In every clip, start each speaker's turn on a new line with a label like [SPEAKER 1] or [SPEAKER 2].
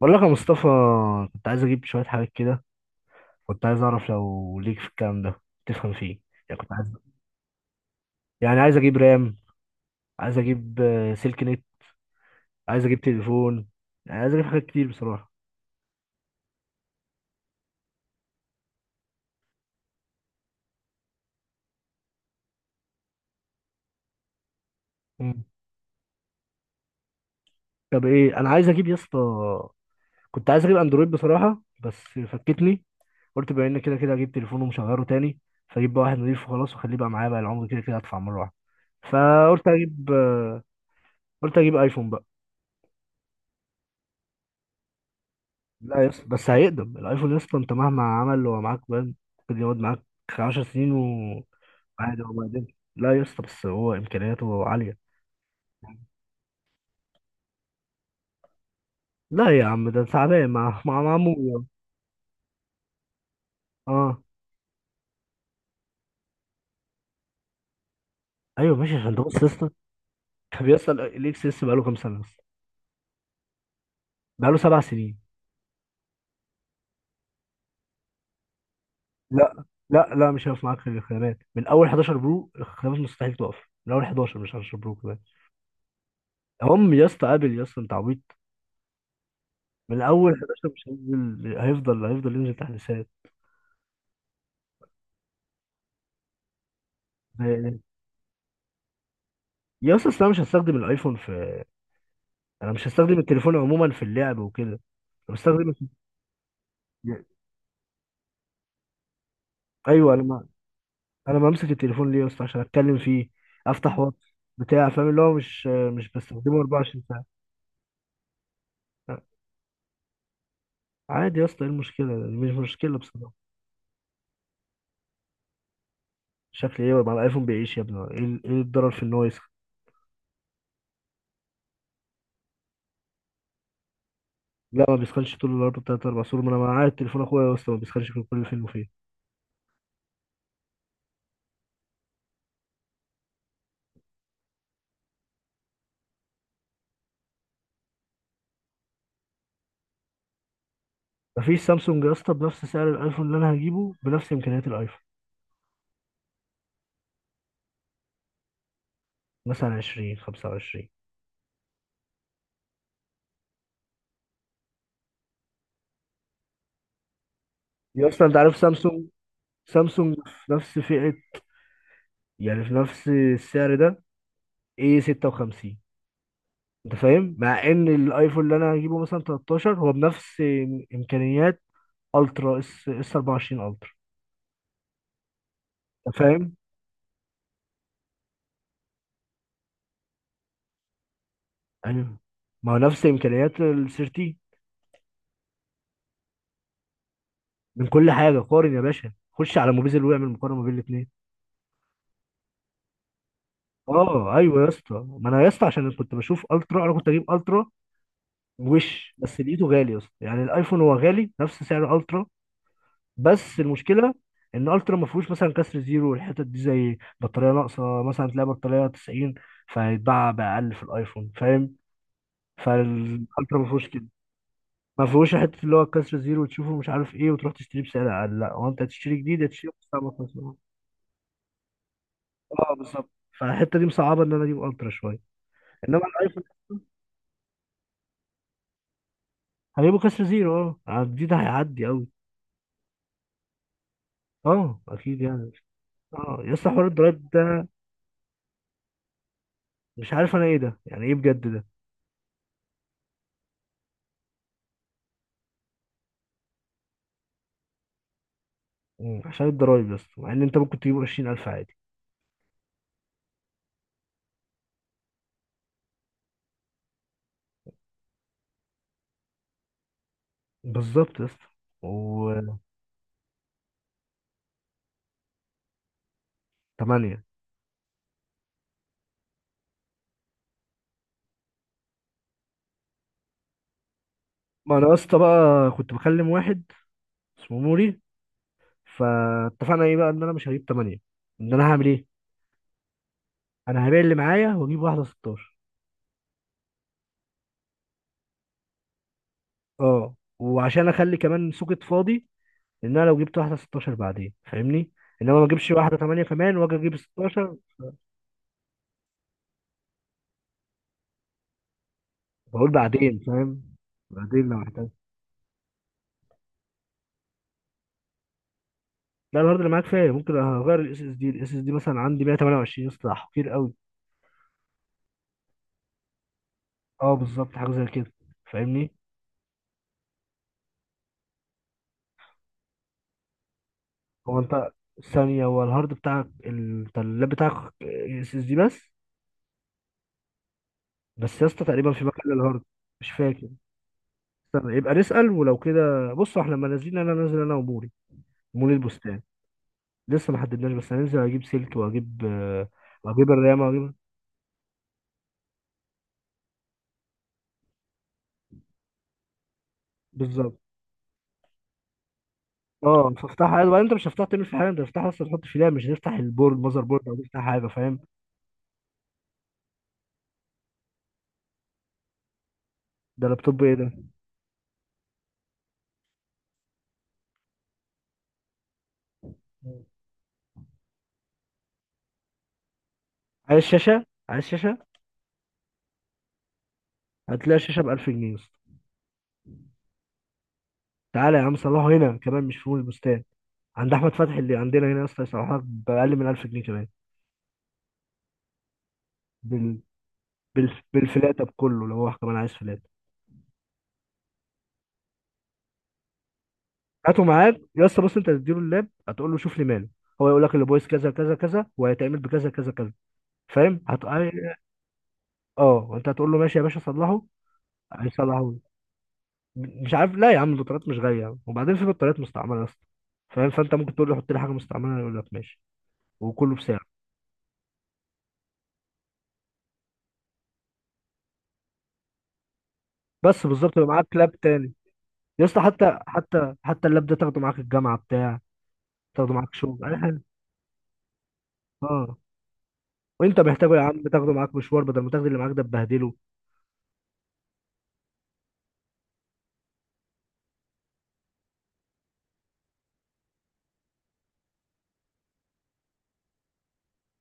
[SPEAKER 1] بقول لك يا مصطفى، كنت عايز اجيب شويه حاجات كده. كنت عايز اعرف لو ليك في الكلام ده تفهم فيه. يعني كنت عايز يعني عايز اجيب رام. عايز اجيب سلك نت. عايز اجيب تليفون. يعني عايز اجيب حاجات كتير بصراحه. مم. طب ايه انا عايز اجيب يا اسطى؟ كنت عايز اجيب اندرويد بصراحه، بس فكتني. قلت بما ان كده كده اجيب تليفون ومشغله تاني، فاجيب بقى واحد نضيف وخلاص واخليه بقى معايا بقى العمر، كده كده ادفع مره واحده. فقلت اجيب آه، قلت اجيب ايفون بقى. لا يس، بس هيقدم الايفون يس. انت مهما عمل هو معاك بان، ممكن يقعد معاك 10 سنين وعادي. هو ما يقدمش لا يا اسطى، بس هو امكانياته عاليه. لا يا عم، ده تعبان مع عمو. اه ايوه ماشي، عشان تبص يا اسطى. طب يا اسطى، الاكس اس بقاله كام سنه بس؟ بقاله سبع سنين. لا لا لا، مش هيقف معاك في الخدمات من اول 11 برو. الخدمات مستحيل تقف من اول 11، مش 10 برو كمان. هم يا اسطى، ابل يا اسطى، انت عبيط. من اول 11 مش هينزل، هيفضل ينزل تحديثات. يا اسطى أصل انا مش هستخدم التليفون عموما في اللعب وكده. انا بستخدم. ايوه، انا ما... انا بمسك التليفون ليه يا اسطى؟ عشان اتكلم فيه، افتح واتس بتاع فاهم، اللي هو مش بستخدمه 24 ساعه. لا، عادي يا اسطى. ايه المشكله؟ مش مشكله بصراحه. شكل ايه؟ مع الايفون بيعيش يا ابني. إيه الضرر في ان هو يسخن؟ لا، ما بيسخنش طول النهار 3 4 سور. ما انا معايا تليفون اخويا يا اسطى، ما بيسخنش في كل فين وفين. مفيش سامسونج يا اسطى بنفس سعر الايفون اللي انا هجيبه بنفس امكانيات الايفون. مثلا 20 25. يا اسطى انت عارف سامسونج، سامسونج في نفس فئة، يعني في نفس السعر ده. ايه 56؟ انت فاهم، مع ان الايفون اللي انا هجيبه مثلا 13 هو بنفس امكانيات الترا اس اس 24 الترا. انت فاهم؟ ايوه، ما هو نفس امكانيات ال 13. من كل حاجه قارن يا باشا، خش على موبيزل واعمل مقارنه ما بين الاثنين. اه ايوه يا اسطى. ما انا يا اسطى عشان كنت بشوف الترا، انا كنت اجيب الترا وش، بس لقيته غالي يا اسطى. يعني الايفون هو غالي نفس سعر الترا. بس المشكله ان الترا ما فيهوش مثلا كسر زيرو والحتت دي، زي بطاريه ناقصه مثلا تلاقي بطاريه 90 فيتباع باقل في الايفون، فاهم؟ فالالترا ما فيهوش كده. ما فيهوش حته اللي هو كسر زيرو وتشوفه مش عارف ايه وتروح تشتريه بسعر اقل. لا هو انت هتشتري جديد، هتشتري بسعر خالص. اه بالظبط. فالحته دي مصعبه ان انا اجيب الترا شويه. انما الايفون هجيبه كسر زيرو، اه الجديد هيعدي قوي. اه اكيد يعني. اه يس، حوار الدرايف ده. مش عارف انا ايه ده، يعني ايه بجد ده؟ مم. عشان الضرايب يا اسطى، مع ان انت ممكن تجيبه 20000 عادي. بالظبط يا اسطى. وثمانية. ما انا يا اسطى بقى كنت بكلم واحد اسمه نوري. فاتفقنا ايه بقى؟ ان انا مش هجيب ثمانية. ان انا هعمل ايه؟ انا هبيع اللي معايا واجيب واحدة 16. اه، وعشان اخلي كمان سوكت فاضي. ان انا لو جبت واحدة 16 بعدين فاهمني. انما ما اجيبش واحدة 8 كمان واجي اجيب 16. بقول بعدين فاهم. بعدين لو احتاج. لا، الهارد اللي معاك كفايه. ممكن اغير الاس اس دي. مثلا عندي 128 يا اسطى، كتير قوي. اه بالظبط، حاجه زي كده فاهمني. هو انت ثانيه، هو الهارد بتاعك ال- انت اللاب بتاعك اس اس دي بس. بس يا اسطى تقريبا في مكان للهارد. مش فاكر. استنى يبقى نسال. ولو كده بص احنا لما نازلين، انا نازل انا وموري. موري البستان. لسه ما حددناش، بس هننزل اجيب سلك واجيب الرام. بالظبط. اه فافتحها عادي، وبعدين انت مش هتفتحها تعمل في حاجه، انت هتفتحها اصلا تحط في لاب. مش هتفتح البورد المذر بورد او تفتح حاجه، فاهم؟ ده لابتوب ايه ده؟ عايز شاشه. هتلاقي شاشه ب 1000 جنيه. تعالى يا عم صلحه هنا، كمان مش في مول البستان، عند احمد فتحي اللي عندنا هنا يا اسطى، يصلحها باقل من 1000 جنيه كمان. بال... بالفلاته بكله، لو هو كمان عايز فلاته. هاته معاك يا اسطى. بص، انت هتديله اللاب، هتقول له شوف لي ماله. هو يقول لك اللي بويس كذا كذا كذا، وهيتعمل بكذا كذا كذا، فاهم هت... اه وانت هتقول له ماشي يا باشا صلحه. هيصلحه لي. مش عارف. لا يا عم، البطاريات مش غاليه يا عم. وبعدين في بطاريات مستعمله يا اسطى فاهم، فانت ممكن تقول له حط لي حاجه مستعمله، يقول لك ماشي. وكله بسعر. بس بالظبط يبقى معاك لاب تاني. يا اسطى حتى حتى حتى اللاب ده تاخده معاك الجامعه بتاع، تاخده معاك شغل اي حاجه. اه وانت محتاجه يا عم، تاخده معاك مشوار بدل ما تاخد اللي معاك ده تبهدله.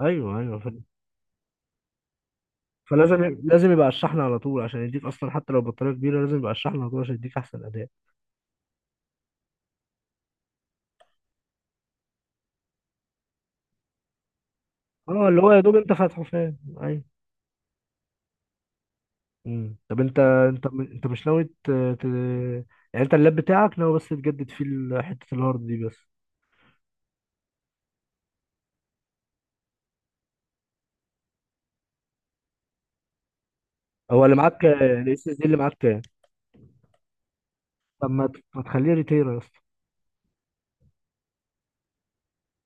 [SPEAKER 1] ايوه ايوه، فلازم. لازم يبقى على الشحن على طول، عشان يديك اصلا. حتى لو بطاريه كبيره لازم يبقى على الشحن على طول عشان يديك احسن اداء. اه اللي هو يا دوب انت فاتحه فاهم، ايوه. مم. طب انت مش ناوي. يعني انت اللاب بتاعك ناوي بس تجدد فيه حته الهارد دي بس. هو اللي معاك الاس اس دي اللي معاك كام؟ طب ما ما تخليه ريتيرا يا اسطى؟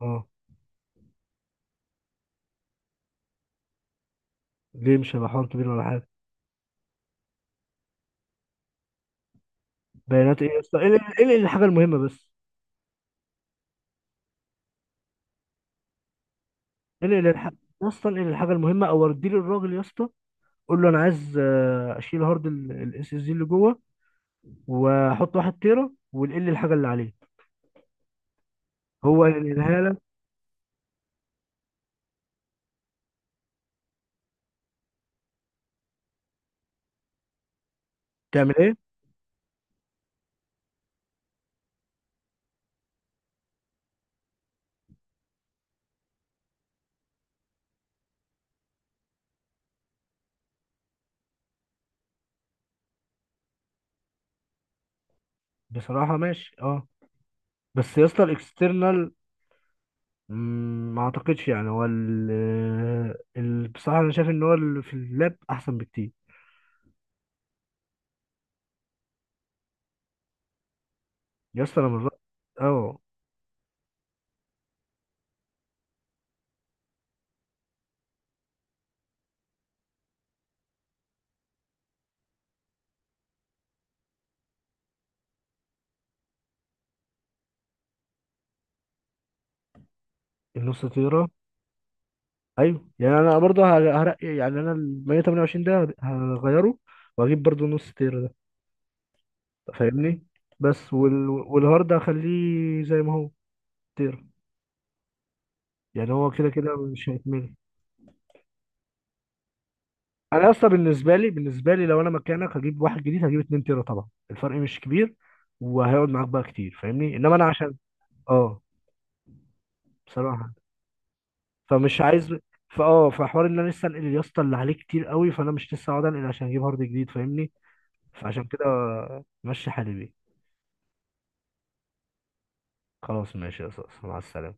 [SPEAKER 1] اه. ليه مش هيبقى حوار كبير ولا حاجه. بيانات ايه يا اسطى؟ ايه ايه إيه الحاجه المهمه بس؟ ايه اللي الحاجه، يا اسطى؟ ايه الحاجه المهمه؟ او ودي للراجل يا اسطى، قول له انا عايز اشيل هارد الاس اس دي اللي جوه، واحط واحد تيرا، ونقل الحاجه اللي عليه. هو ينقلها لك. تعمل ايه؟ بصراحه ماشي، اه. بس يا اسطى الاكسترنال، ما اعتقدش. يعني هو بصراحه انا شايف ان هو اللي في اللاب احسن بكتير. يا اسطى انا مرات. اه. النص تيرا، ايوه. يعني انا برضه هرقي، يعني انا ال 128 ده هغيره واجيب برضه نص تير ده فاهمني. بس والهارد هخليه زي ما هو. تير. يعني هو كده كده مش هيتملي. انا اصلا بالنسبه لي لو انا مكانك هجيب واحد جديد، هجيب 2 تيرا طبعا. الفرق مش كبير، وهيقعد معاك بقى كتير فاهمني. انما انا عشان. اه بصراحه، فمش عايز. فحوار ان انا لسه انقل يا اسطى اللي عليه كتير قوي، فانا مش لسه هقعد انقل عشان اجيب هارد جديد فاهمني. فعشان كده ماشي حالي بيه. خلاص ماشي يا صاصة، مع السلامة.